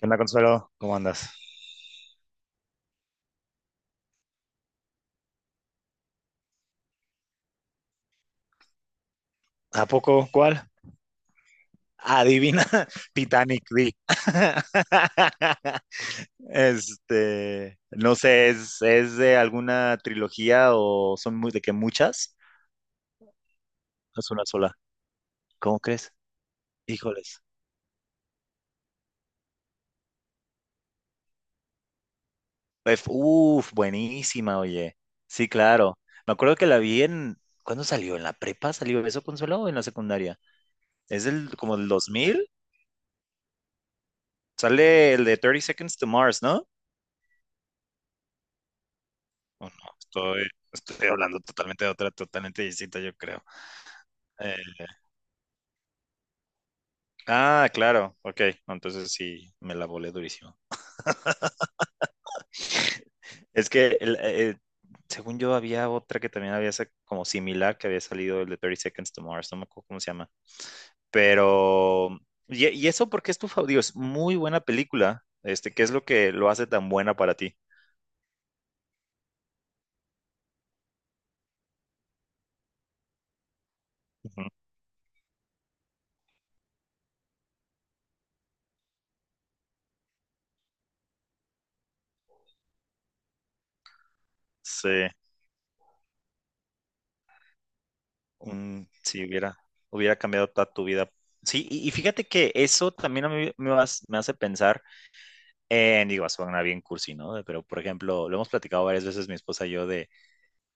¿Qué onda, Consuelo? ¿Cómo andas? ¿A poco? ¿Cuál? Adivina, Titanic, di. No sé, ¿es de alguna trilogía o son muy, de que muchas? No. Es una sola. ¿Cómo crees? Híjoles. Uf, buenísima, oye. Sí, claro. Me acuerdo que la vi en, ¿cuándo salió? ¿En la prepa salió eso, Consuelo, o en la secundaria? Es del, como del 2000. Sale el de Thirty Seconds to Mars, ¿no? O no, estoy, estoy hablando totalmente de otra, totalmente distinta, yo creo. Eh, ah, claro, ok, no, entonces sí, me la volé durísimo. Es que, según yo, había otra que también había como similar, que había salido el de Thirty Seconds to Mars, no me acuerdo cómo se llama, pero, y eso porque es tu favorito, es muy buena película, ¿qué es lo que lo hace tan buena para ti? Ujú. Sí, un, si hubiera, hubiera cambiado toda tu vida. Sí, y fíjate que eso también a mí me, me hace pensar. Digo, suena bien cursi, ¿no? Pero, por ejemplo, lo hemos platicado varias veces mi esposa y yo de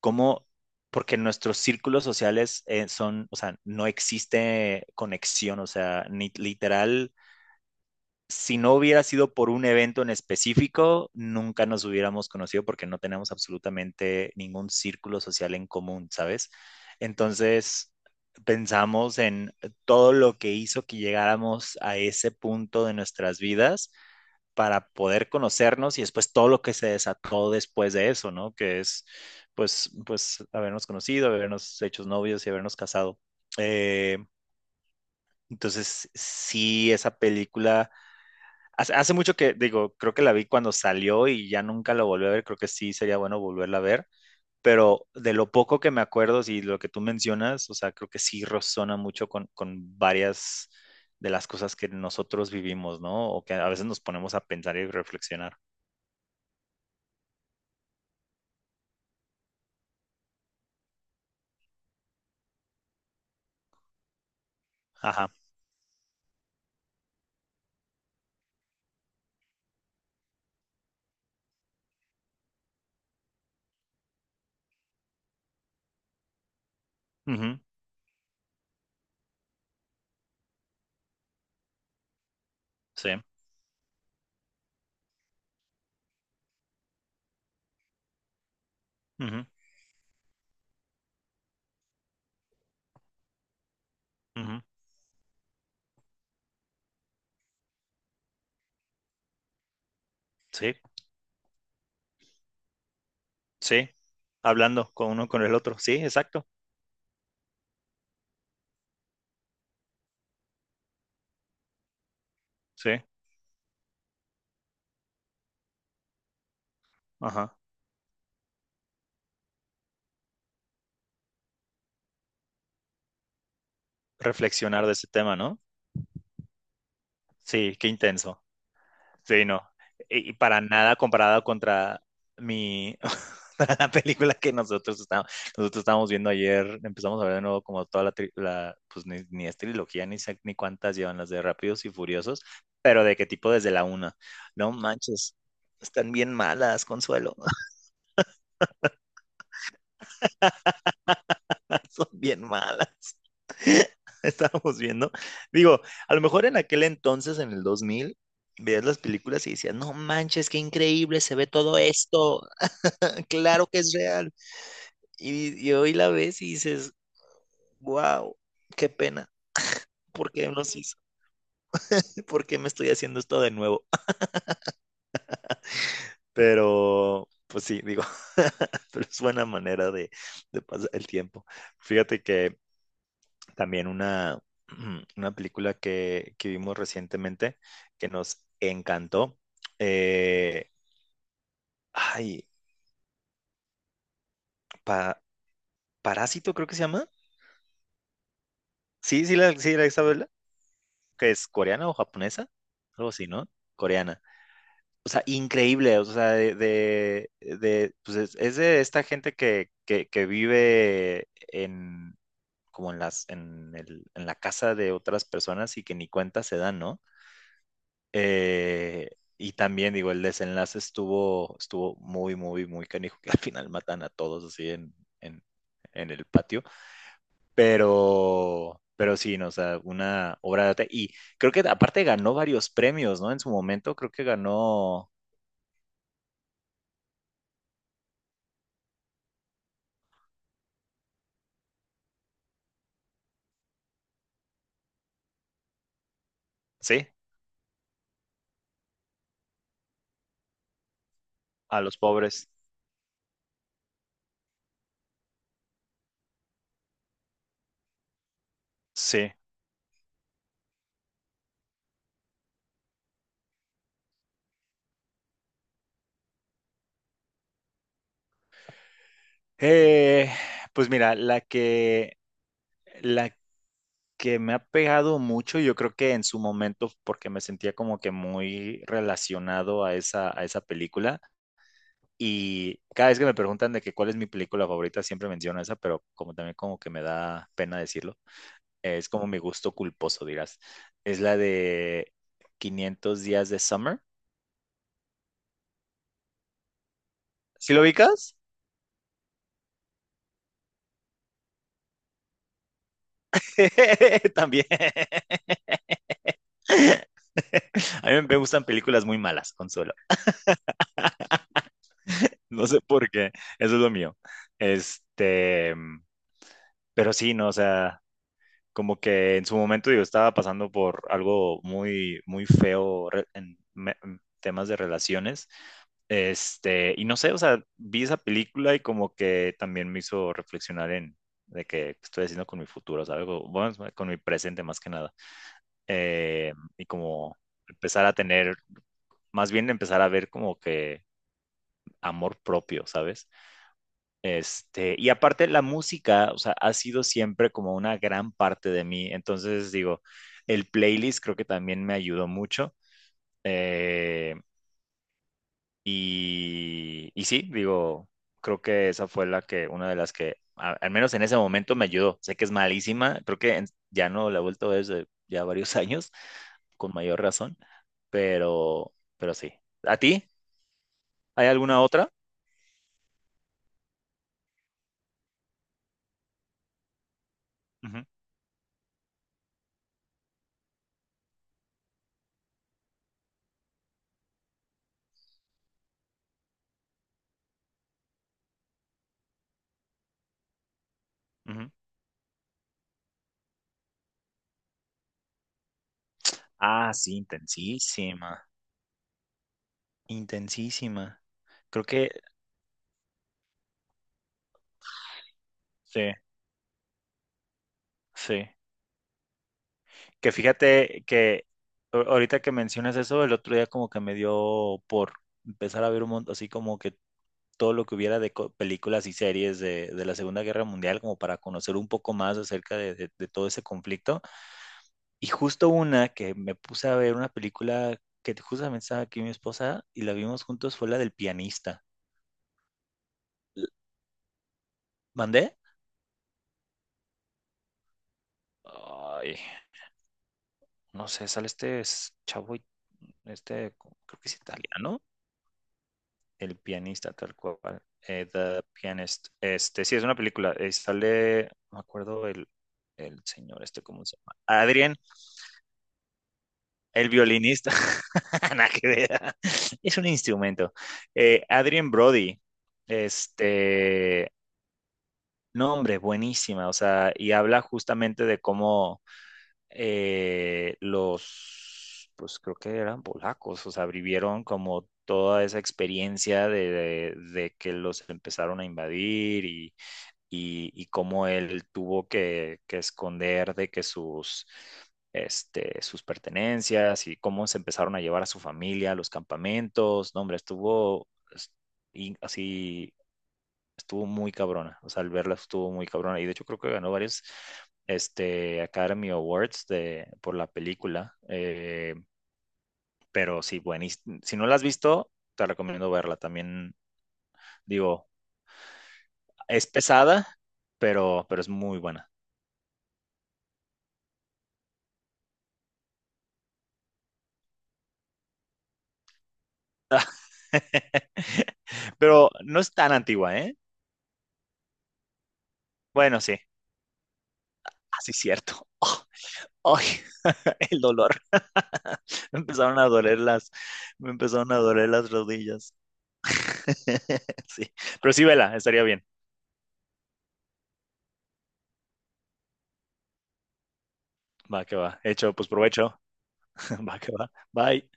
cómo, porque nuestros círculos sociales son, o sea, no existe conexión, o sea, ni literal, si no hubiera sido por un evento en específico, nunca nos hubiéramos conocido porque no tenemos absolutamente ningún círculo social en común, ¿sabes? Entonces, pensamos en todo lo que hizo que llegáramos a ese punto de nuestras vidas para poder conocernos y después todo lo que se desató después de eso, ¿no? Que es, pues habernos conocido, habernos hecho novios y habernos casado. Eh, entonces, sí, esa película, hace mucho que, digo, creo que la vi cuando salió y ya nunca la volví a ver, creo que sí sería bueno volverla a ver, pero de lo poco que me acuerdo y sí, lo que tú mencionas, o sea, creo que sí resona mucho con varias de las cosas que nosotros vivimos, ¿no? O que a veces nos ponemos a pensar y reflexionar. Ajá. Ujú, sí, ujú, ujú, sí, sí, hablando con uno con el otro, sí, exacto, sí, ajá, reflexionar de ese tema, ¿no? Sí, qué intenso, sí, no, y para nada comparado contra mi, para la película que nosotros estábamos viendo ayer, empezamos a ver de nuevo como toda la, la pues ni es trilogía, ni sé ni cuántas llevan las de Rápidos y Furiosos, pero de qué tipo desde la una, no manches, están bien malas, Consuelo, son bien malas. Estábamos viendo. Digo, a lo mejor en aquel entonces, en el 2000 veías las películas y decías, no manches, qué increíble se ve todo esto, claro que es real. Y hoy la ves y dices, wow, qué pena, ¿por qué nos hizo? ¿Por qué me estoy haciendo esto de nuevo? Pero, pues sí, digo, pero es buena manera de pasar el tiempo. Fíjate que también una, una película que vimos recientemente que nos encantó. eh, ay, Pa- Parásito creo que se llama. Sí, sí, la, sí, la Isabela, que es coreana o japonesa, algo así, ¿no? Coreana. O sea, increíble, o sea, pues es de esta gente que vive en, como en las, en el, en la casa de otras personas y que ni cuenta se dan, ¿no? Eh, y también, digo, el desenlace estuvo muy, muy, muy canijo, que al final matan a todos así en, en el patio. Pero sí, no, o sea, una obra de arte. Y creo que aparte ganó varios premios, ¿no? En su momento, creo que ganó, sí, a los pobres. Sí. Eh, pues mira, la que me ha pegado mucho, yo creo que en su momento, porque me sentía como que muy relacionado a esa película. Y cada vez que me preguntan de que cuál es mi película favorita, siempre menciono esa, pero como también como que me da pena decirlo, es como mi gusto culposo, dirás. Es la de quinientos días de Summer. ¿Sí lo ubicas? También. A mí me gustan películas muy malas, Consuelo. No sé por qué, eso es lo mío. Este, pero sí, no, o sea, como que en su momento yo estaba pasando por algo muy, muy feo en temas de relaciones. Y no sé, o sea, vi esa película y como que también me hizo reflexionar en de que qué estoy haciendo con mi futuro, ¿sabes? O, bueno, con mi presente más que nada. Y como empezar a tener, más bien empezar a ver como que amor propio, ¿sabes? Y aparte la música, o sea, ha sido siempre como una gran parte de mí. Entonces, digo, el playlist creo que también me ayudó mucho. Eh, y sí, digo, creo que esa fue la que, una de las que, al menos en ese momento me ayudó. Sé que es malísima, creo que ya no la he vuelto a ver desde ya varios años, con mayor razón, pero sí. ¿A ti? ¿Hay alguna otra? Ujú, ujú. Ah, sí, intensísima. Intensísima. Creo que sí, sí. Que fíjate que ahorita que mencionas eso, el otro día como que me dio por empezar a ver un montón, así como que todo lo que hubiera de películas y series de la Segunda Guerra Mundial, como para conocer un poco más acerca de, de todo ese conflicto. Y justo una que me puse a ver, una película que justamente estaba aquí mi esposa y la vimos juntos, fue la del pianista. L- ¿Mandé? Ay. No sé, sale chavo, creo que es italiano, el pianista tal cual, The Pianist. Sí, es una película, sale, no me acuerdo el señor, ¿cómo se llama? Adrien, el violinista, nada que ver, es un instrumento. Adrien Brody, este, no, hombre, buenísima, o sea, y habla justamente de cómo los, pues creo que eran polacos, o sea, vivieron como toda esa experiencia de, de que los empezaron a invadir y cómo él tuvo que esconder de que sus, sus pertenencias y cómo se empezaron a llevar a su familia a los campamentos. No, hombre, estuvo es- así estuvo muy cabrona, o sea, al verla estuvo muy cabrona y de hecho creo que ganó varios Academy Awards de, por la película, pero sí, bueno, y si no la has visto, te recomiendo verla también, digo, es pesada, pero es muy buena. Pero no es tan antigua, ¿eh? Bueno, sí, así es cierto. Oh, ay, el dolor. Me empezaron a doler las, me empezaron a doler las rodillas. Sí, pero sí, vela, estaría bien. Va que va. Hecho, pues provecho. Va que va. Bye.